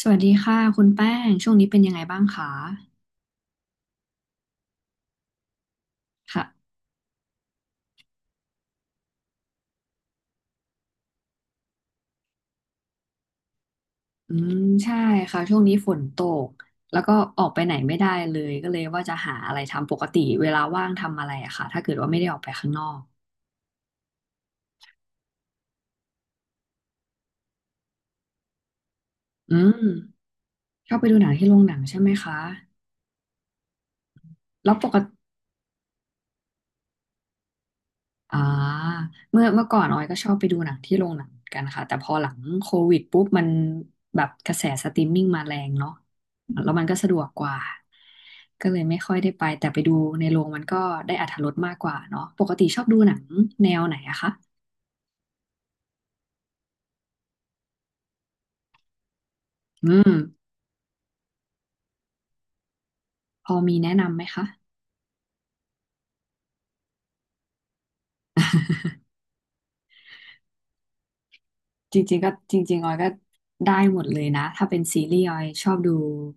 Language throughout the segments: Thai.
สวัสดีค่ะคุณแป้งช่วงนี้เป็นยังไงบ้างคะค่ะอืมใช่ค่ะช่วงนี้ฝนตกแล้วก็ออกไปไหนไม่ได้เลยก็เลยว่าจะหาอะไรทำปกติเวลาว่างทำอะไรอะค่ะถ้าเกิดว่าไม่ได้ออกไปข้างนอกอืมชอบไปดูหนังที่โรงหนังใช่ไหมคะแล้วปกติ อ่าเมื่อก่อนออยก็ชอบไปดูหนังที่โรงหนังกันค่ะแต่พอหลังโควิดปุ๊บมันแบบกระแสสตรีมมิ่งมาแรงเนาะแล้วมันก็สะดวกกว่าก็เลยไม่ค่อยได้ไปแต่ไปดูในโรงมันก็ได้อรรถรสมากกว่าเนาะปกติชอบดูหนังแนวไหนอะคะอืมพอมีแนะนำไหมคะ จริงๆก็จริงๆออยก็ได้หมดเลยนะถ้าเป็นซีรีส์ออยชอบดู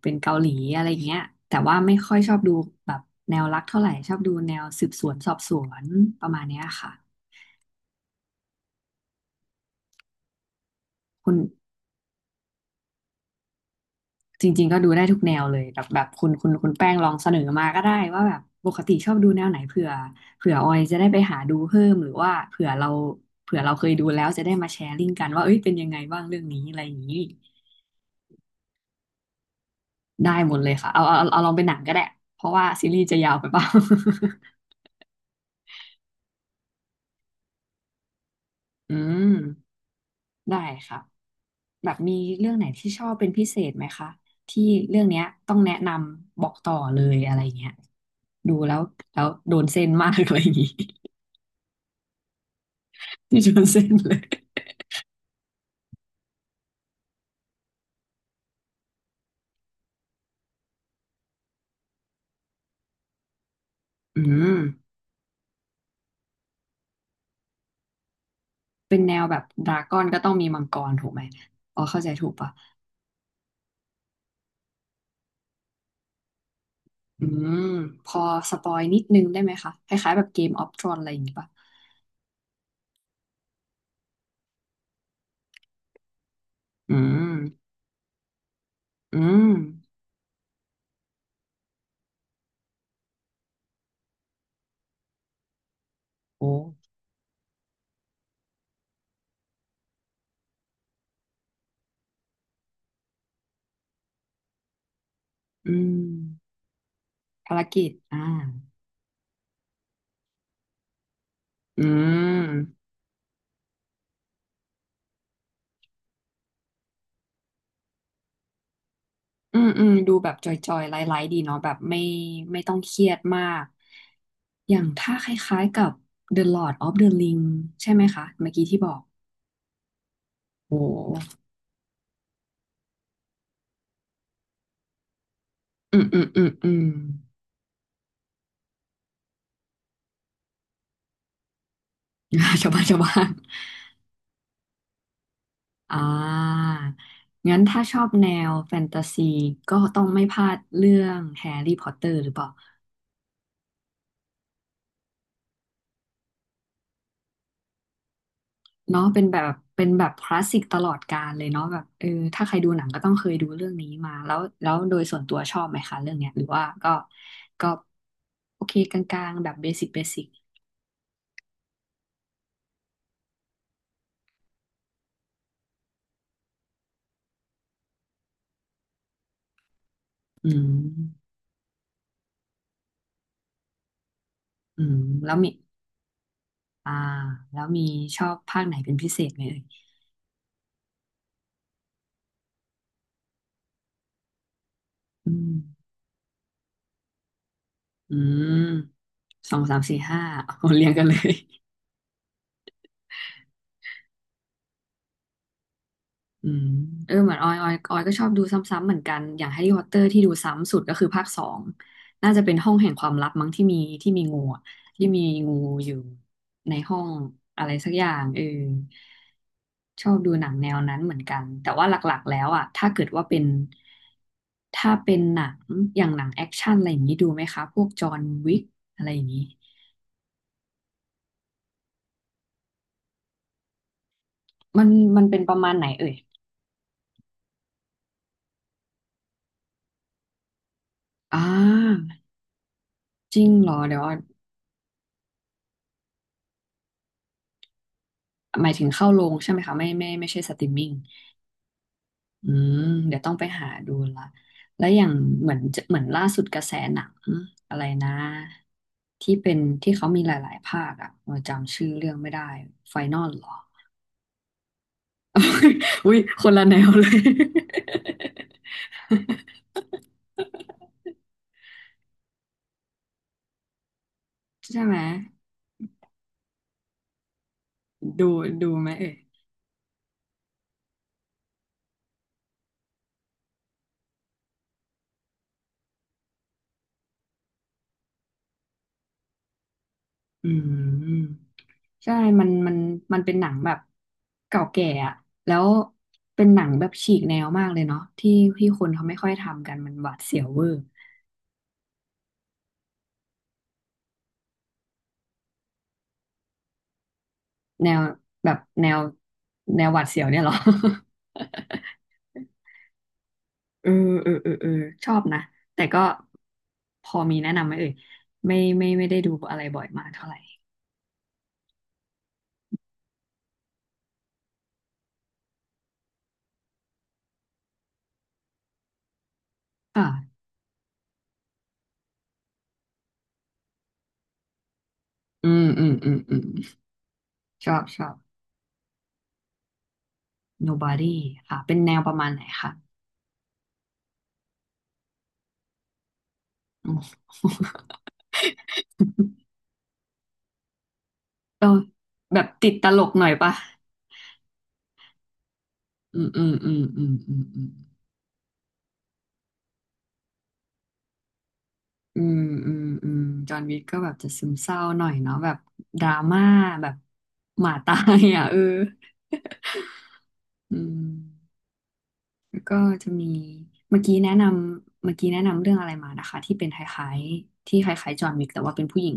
เป็นเกาหลีอะไรอย่างเงี้ยแต่ว่าไม่ค่อยชอบดูแบบแนวรักเท่าไหร่ชอบดูแนวสืบสวนสอบสวนประมาณเนี้ยค่ะคุณจริงๆก็ดูได้ทุกแนวเลยแบบแบบคุณแป้งลองเสนอมาก็ได้ว่าแบบปกติชอบดูแนวไหนเผื่อออยจะได้ไปหาดูเพิ่มหรือว่าเผื่อเราเคยดูแล้วจะได้มาแชร์ลิงก์กันว่าเอ้ยเป็นยังไงบ้างเรื่องนี้อะไรอย่างนี้ได้หมดเลยค่ะเอาลองเป็นหนังก็ได้เพราะว่าซีรีส์จะยาวไปเปล่า อืมได้ค่ะแบบมีเรื่องไหนที่ชอบเป็นพิเศษไหมคะที่เรื่องเนี้ยต้องแนะนำบอกต่อเลยอะไรเงี้ยดูแล้วแล้วโดนเส้นมากอะไรอย่างงี้ ที่โดนเส้นเลยอืมเป็นแนวแบบดราก้อนก็ต้องมีมังกรถูกไหมอ๋อเข้าใจถูกปะอืมพอสปอยนิดนึงได้ไหมคะคล้ายๆแบบเกมออฟทรอนอะไรอย่างงี้ปะอืมอืมโอ้อืมภารกิจอืม อืมอืมดูแบบจอยๆไลท์ๆดีเนาะแบบไม่ต้องเครียดมากอย่างถ้าคล้ายๆกับ The Lord of the Ring ใช่ไหมคะเมื่อกี้ที่บอกโอ้อืมอืมอืมอืม ชาวบ้านชาวบ้านอ่างั้นถ้าชอบแนวแฟนตาซีก็ต้องไม่พลาดเรื่องแฮร์รี่พอตเตอร์หรือเปล่า เนาะเป็นแบบเป็นแบบคลาสสิกตลอดกาลเลยเนาะแบบเออถ้าใครดูหนังก็ต้องเคยดูเรื่องนี้มาแล้วแล้วโดยส่วนตัวชอบไหมคะเรื่องเนี้ยหรือว่าก็โอเคกลางๆแบบเบสิกเบสิกอืมอืมแล้วมีอ่าแล้วมีชอบภาคไหนเป็นพิเศษไหมเอ่ยอืมอืมสองสามสี่ห้าเอาเรียงกันเลย อืมเออเหมือนออยก็ชอบดูซ้ำๆเหมือนกันอย่างแฮร์รี่พอตเตอร์ที่ดูซ้ำสุดก็คือภาคสองน่าจะเป็นห้องแห่งความลับมั้งที่มีงูอะที่มีงูอยู่ในห้องอะไรสักอย่างเออชอบดูหนังแนวนั้นเหมือนกันแต่ว่าหลักๆแล้วอ่ะถ้าเกิดว่าเป็นถ้าเป็นหนังอย่างหนังแอคชั่นอะไรอย่างนี้ดูไหมคะพวกจอห์นวิกอะไรอย่างนี้มันมันเป็นประมาณไหนเอ่ยอ่าจริงเหรอเดี๋ยวออยหมายถึงเข้าโรงใช่ไหมคะไม่ไม่ใช่สตรีมมิ่ง อืมเดี๋ยวต้องไปหาดูละแล้วอย่างเหมือนจะเหมือนล่าสุดกระแสหนังอะไรนะที่เขามีหลายๆภาคอ่ะเออจำชื่อเรื่องไม่ได้ไฟนอลเหรอ อุ้ยคนละแนวเลย ใช่ไหมดูดูไหมเอ่ย อืมใช่มันมันมันเป็นหนังแบบเก่าแก่อะแล้วเป็นหนังแบบฉีกแนวมากเลยเนาะที่ที่คนเขาไม่ค่อยทำกันมันหวาดเสียวเวอร์แนวแบบแนวแนวหวาดเสียวเนี่ยเหรอ เออเออเออชอบนะแต่ก็พอมีแนะนำไหมเอ่ยไม่ไม่ได้ดูอะไรบ่อยมากเท่าไหร่ค่ะอืมอืมอืมอืมชอบ Nobody ค่ะเป็นแนวประมาณไหนคะอืมก็แบบติดตลกหน่อยปะ อืมอืมอืมอืมอืมอืมอืมอืมอืมจอห์นวิกก็แบบจะซึมเศร้าหน่อยเนาะแบบดราม่าแบบหมาตายอ่ะ เอออืมแล้วก็จะมีเมื่อกี้แนะนเมื่อกี้แนะนำเรื่องอะไรมานะคะที่เป็นคล้ายๆที่คล้ายๆจอห์นวิกแต่ว่าเป็นผู้หญิง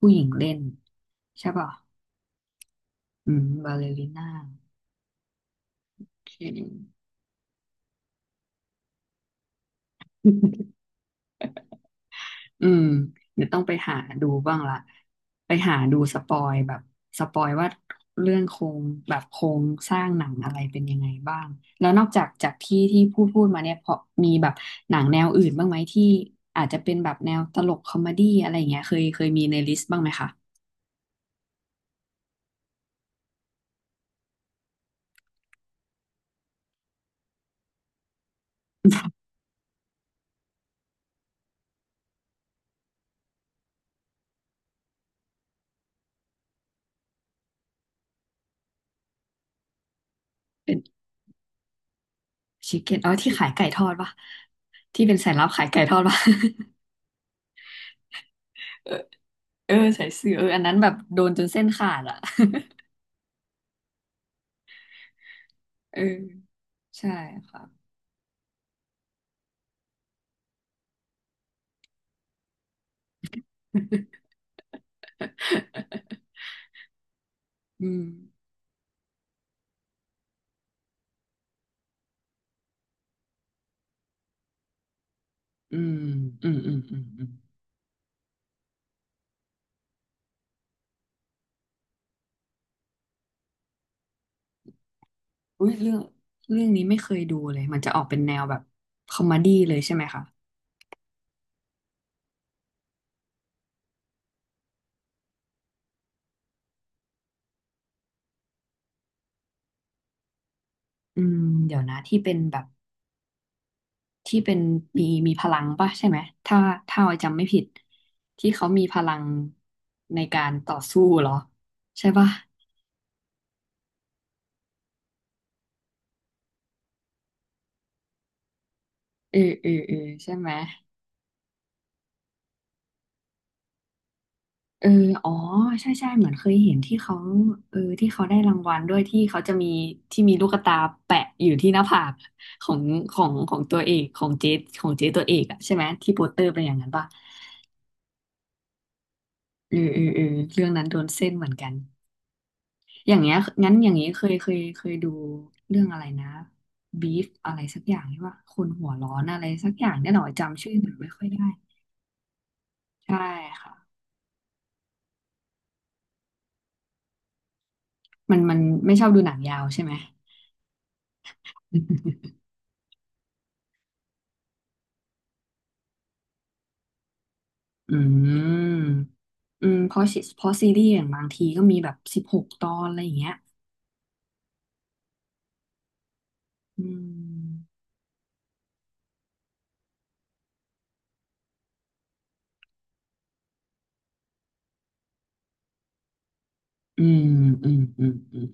ผู้หญิงเล่นใช่ป่ะอืมบาเลริน่าโอเค อืมเดี๋ยวต้องไปหาดูบ้างละไปหาดูสปอยแบบสปอยว่าเรื่องโครงแบบโครงสร้างหนังอะไรเป็นยังไงบ้างแล้วนอกจากที่พูดมาเนี่ยพอมีแบบหนังแนวอื่นบ้างไหมที่อาจจะเป็นแบบแนวตลกคอมเมดี้อะไรอย่างเงี้ยเคยมีในลิสต์บ้างไหมคะ เป็นชิคเก้นอ๋อที่ขายไก่ทอดปะที่เป็นสายลับขายไก่ทอดปะ เออเออใส่เสื้อเอออันนั้นแบบโดนจนเส้นขาดอะ เออใช่ค่ะ อืมอืมอืมอืมอืมอืมอุ้ยเรื่องเรื่องนี้ไม่เคยดูเลยมันจะออกเป็นแนวแบบคอมเมดี้เลยใช่ไหมคะอืมเดี๋ยวนะที่เป็นแบบที่เป็นมีพลังป่ะใช่ไหมถ้าถ้าออยจำไม่ผิดที่เขามีพลังในการต่อสู้เหรอใช่ป่ะเออใช่ไหม เอออ๋อใช่ใช่เหมือนเคยเห็นที่เขาเออที่เขาได้รางวัลด้วยที่เขาจะมีที่มีลูกตาแปะอยู่ที่หน้าผากของของตัวเอกของเจ๊ของเจ๊ตัวเอกอะใช่ไหมที่โปสเตอร์เป็นอย่างนั้นป่ะเออเออเออเรื่องนั้นโดนเส้นเหมือนกันอย่างเงี้ยงั้นอย่างงี้เคยดูเรื่องอะไรนะบีฟอะไรสักอย่างที่ว่าคนหัวร้อนอะไรสักอย่างเนี่ยหน่อยจำชื่อหนังไม่ค่อยได้ใช่ค่ะมันไม่ชอบดูหนังยาวใช่ไหม อืม อืมเพราะซีรีส์อย่างบางทีก็มีแบบ16ตอนอะไรอย่างเงี้ยอืมอืมอืมอืมอืม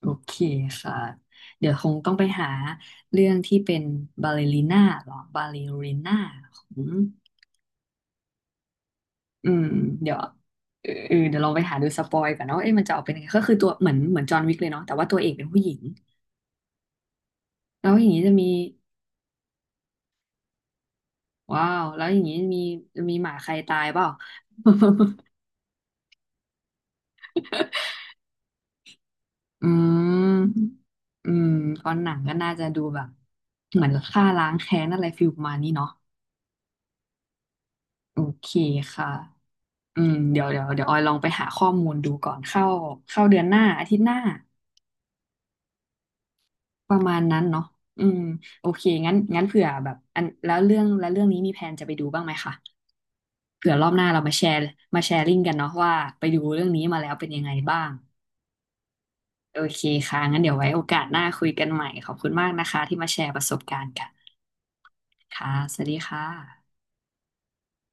โอเคค่ะเดี๋ยวคงต้องไปหาเรื่องที่เป็นบาเลริน่าหรอบาเลริน่าของอืมเดี๋ยวเออเดี๋ยวลองไปหาดูสปอยก่อนเนาะเอ๊ะมันจะออกเป็นยังไงก็คือตัวเหมือนจอห์นวิกเลยเนาะแต่ว่าตัวเอกเป็นผู้หญิงแล้วอย่างนี้จะมีว้าวแล้วอย่างนี้มีจะมีหมาใครตายเปล่า อืมอืมเพราะหนังก็น่าจะดูแบบเหมือนฆ่าล้างแค้นอะไรฟิลประมาณนี้เนาะโอเคค่ะอืมเดี๋ยวออยลองไปหาข้อมูลดูก่อนเข้าเดือนหน้าอาทิตย์หน้าประมาณนั้นเนาะอืมโอเคงั้นเผื่อแบบอันแล้วเรื่องนี้มีแผนจะไปดูบ้างไหมคะเผื่อรอบหน้าเรามาแชร์มาแชร์ลิงก์กันเนาะว่าไปดูเรื่องนี้มาแล้วเป็นยังไงบ้างโอเคค่ะงั้นเดี๋ยวไว้โอกาสหน้าคุยกันใหม่ขอบคุณมากนะคะที่มาแชร์ประสบการณ์กันค่ะสวัสดีค่ะ